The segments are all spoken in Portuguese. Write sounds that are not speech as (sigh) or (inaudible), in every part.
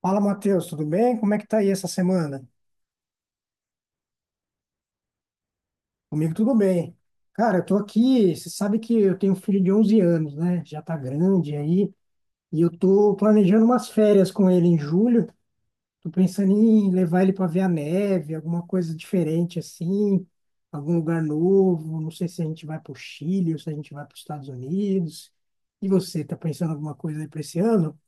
Fala, Matheus, tudo bem? Como é que tá aí essa semana? Comigo tudo bem. Cara, eu tô aqui, você sabe que eu tenho um filho de 11 anos, né? Já tá grande aí, e eu tô planejando umas férias com ele em julho. Tô pensando em levar ele para ver a neve, alguma coisa diferente assim, algum lugar novo. Não sei se a gente vai pro Chile ou se a gente vai para os Estados Unidos. E você, tá pensando em alguma coisa aí para esse ano?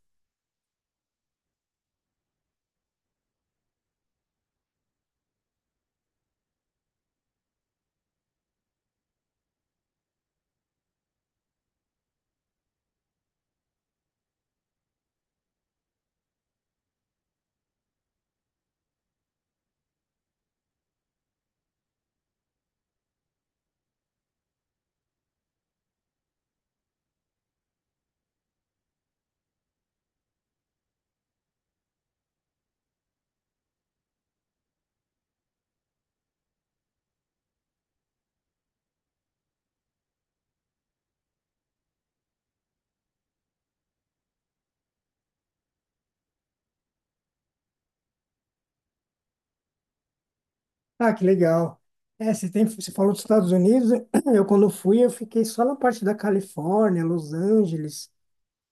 Ah, que legal. É, você tem, você falou dos Estados Unidos. (clears throat) Quando fui, eu fiquei só na parte da Califórnia, Los Angeles.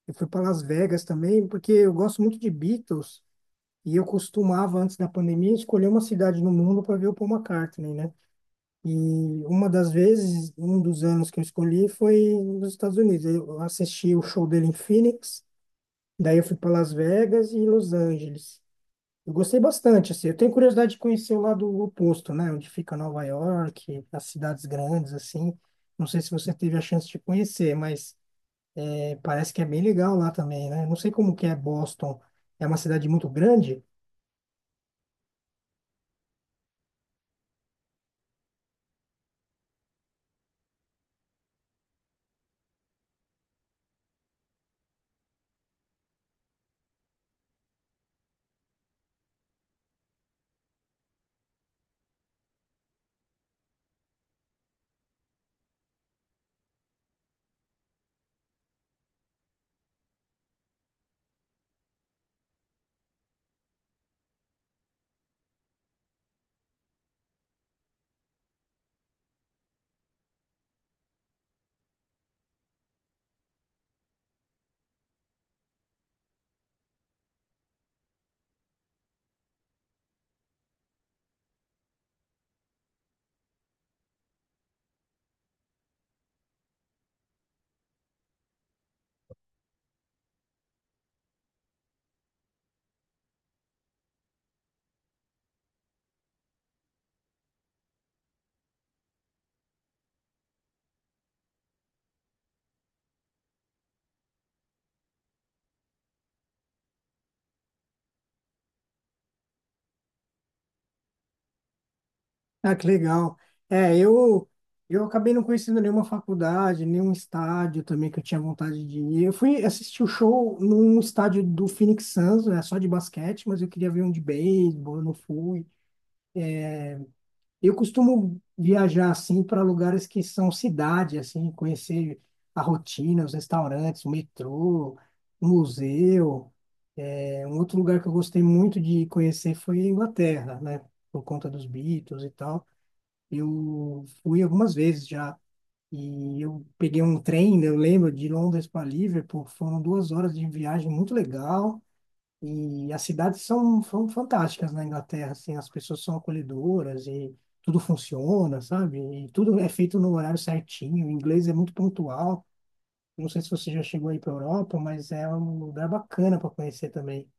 Eu fui para Las Vegas também, porque eu gosto muito de Beatles. E eu costumava, antes da pandemia, escolher uma cidade no mundo para ver o Paul McCartney, né? E uma das vezes, um dos anos que eu escolhi foi nos Estados Unidos. Eu assisti o show dele em Phoenix, daí eu fui para Las Vegas e Los Angeles. Eu gostei bastante, assim. Eu tenho curiosidade de conhecer o lado oposto, né? Onde fica Nova York, as cidades grandes, assim. Não sei se você teve a chance de conhecer, mas é, parece que é bem legal lá também, né? Não sei como que é Boston. É uma cidade muito grande? Ah, que legal. É, eu acabei não conhecendo nenhuma faculdade, nenhum estádio também que eu tinha vontade de ir. Eu fui assistir o show num estádio do Phoenix Suns, é só de basquete, mas eu queria ver um de beisebol, eu não fui. Eu costumo viajar assim para lugares que são cidade, assim, conhecer a rotina, os restaurantes, o metrô, o museu. É, um outro lugar que eu gostei muito de conhecer foi a Inglaterra, né? Por conta dos Beatles e tal. Eu fui algumas vezes já e eu peguei um trem, né, eu lembro, de Londres para Liverpool. Foram 2 horas de viagem muito legal. E as cidades são fantásticas na Inglaterra, assim, as pessoas são acolhedoras e tudo funciona, sabe? E tudo é feito no horário certinho, o inglês é muito pontual. Não sei se você já chegou aí para Europa, mas é um lugar bacana para conhecer também.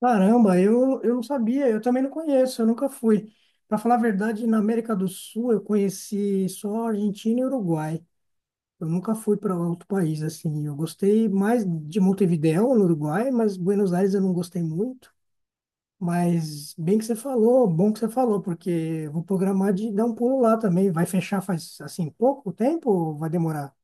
Caramba, eu não sabia, eu também não conheço, eu nunca fui. Para falar a verdade, na América do Sul eu conheci só Argentina e Uruguai. Eu nunca fui para outro país assim. Eu gostei mais de Montevidéu, no Uruguai, mas Buenos Aires eu não gostei muito. Mas bem que você falou, bom que você falou, porque eu vou programar de dar um pulo lá também. Vai fechar faz assim pouco tempo ou vai demorar?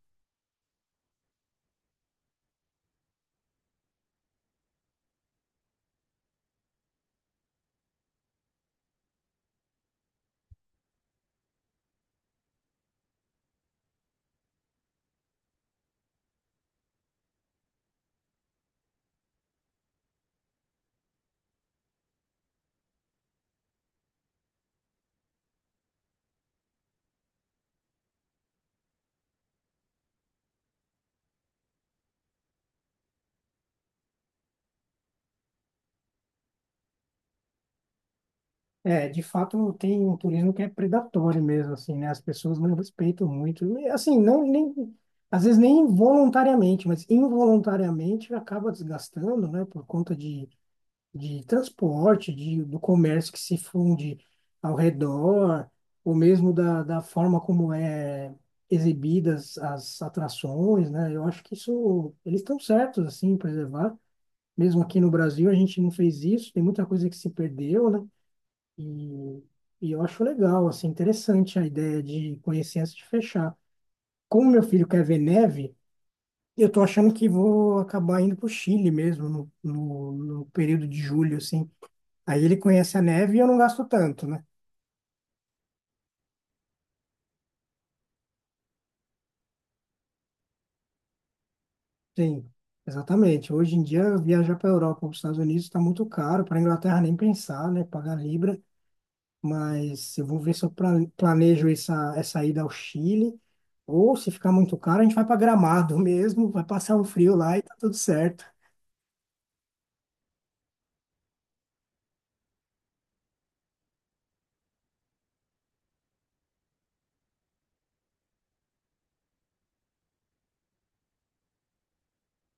É, de fato tem um turismo que é predatório mesmo, assim, né? As pessoas não respeitam muito. E, assim, não nem às vezes nem voluntariamente, mas involuntariamente acaba desgastando, né? Por conta de transporte, do comércio que se funde ao redor, ou mesmo da forma como é exibidas as atrações, né? Eu acho que isso, eles estão certos, assim, em preservar. Mesmo aqui no Brasil, a gente não fez isso, tem muita coisa que se perdeu, né? E, e eu acho legal, assim, interessante a ideia de conhecer antes de fechar. Como meu filho quer ver neve, eu tô achando que vou acabar indo pro Chile mesmo, no período de julho, assim, aí ele conhece a neve e eu não gasto tanto, né? Sim, exatamente. Hoje em dia, viajar para a Europa ou para os Estados Unidos está muito caro, para a Inglaterra nem pensar, né? Pagar libra. Mas eu vou ver se eu planejo essa ida ao Chile. Ou se ficar muito caro, a gente vai para Gramado (laughs) mesmo, vai passar um frio lá e tá tudo certo.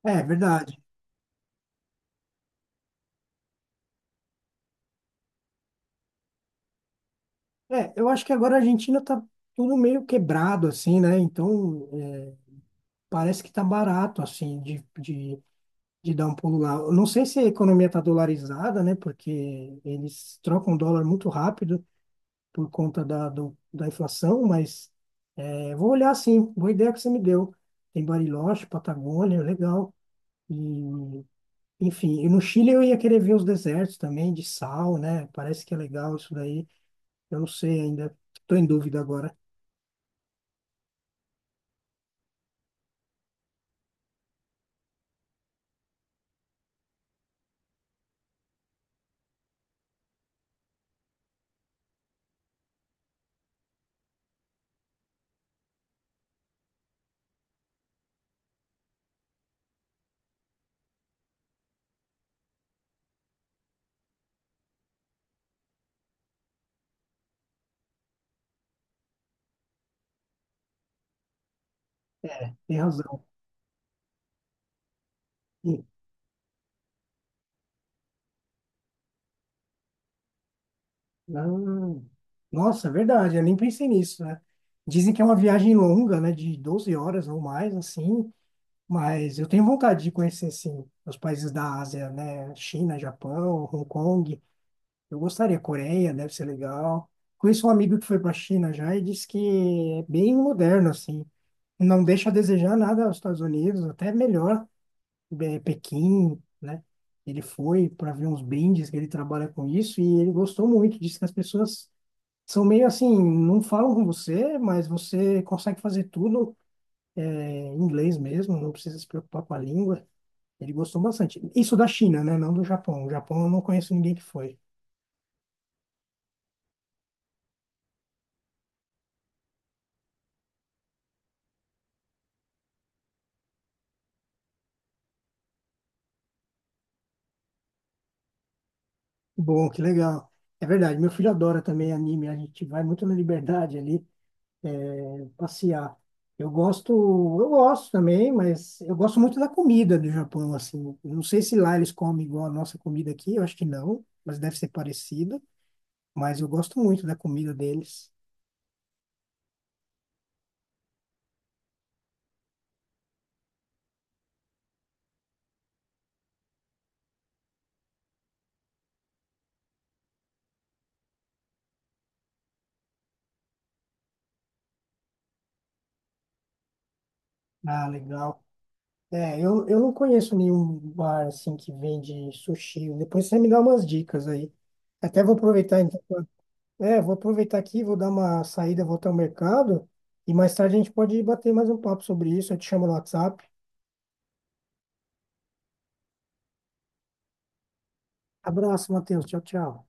É, é verdade. É, eu acho que agora a Argentina tá tudo meio quebrado, assim, né? Então, é, parece que tá barato, assim, de dar um pulo lá. Eu não sei se a economia está dolarizada, né? Porque eles trocam dólar muito rápido por conta da inflação, mas é, vou olhar sim. Boa ideia que você me deu. Tem Bariloche, Patagônia, legal. E, enfim, e no Chile eu ia querer ver os desertos também, de sal, né? Parece que é legal isso daí. Eu não sei ainda. Estou em dúvida agora. É, tem razão. Ah, nossa, é verdade, eu nem pensei nisso, né? Dizem que é uma viagem longa, né, de 12 horas ou mais, assim, mas eu tenho vontade de conhecer, assim os países da Ásia, né? China, Japão, Hong Kong, eu gostaria, Coreia deve ser legal. Conheço um amigo que foi para a China já e disse que é bem moderno, assim, não deixa a desejar nada aos Estados Unidos, até melhor, Pequim, né? Ele foi para ver uns brindes que ele trabalha com isso e ele gostou muito, disse que as pessoas são meio assim, não falam com você, mas você consegue fazer tudo é, em inglês mesmo, não precisa se preocupar com a língua. Ele gostou bastante. Isso da China, né? Não do Japão. O Japão eu não conheço ninguém que foi. Bom, que legal. É verdade, meu filho adora também anime, a gente vai muito na liberdade ali, é, passear. Eu gosto, eu gosto também, mas eu gosto muito da comida do Japão, assim. Eu não sei se lá eles comem igual a nossa comida aqui, eu acho que não, mas deve ser parecida. Mas eu gosto muito da comida deles. Ah, legal. É, eu não conheço nenhum bar assim que vende sushi. Depois você me dá umas dicas aí. Até vou aproveitar então. É, vou aproveitar aqui, vou dar uma saída, vou até o mercado e mais tarde a gente pode bater mais um papo sobre isso. Eu te chamo no WhatsApp. Abraço, Matheus. Tchau, tchau.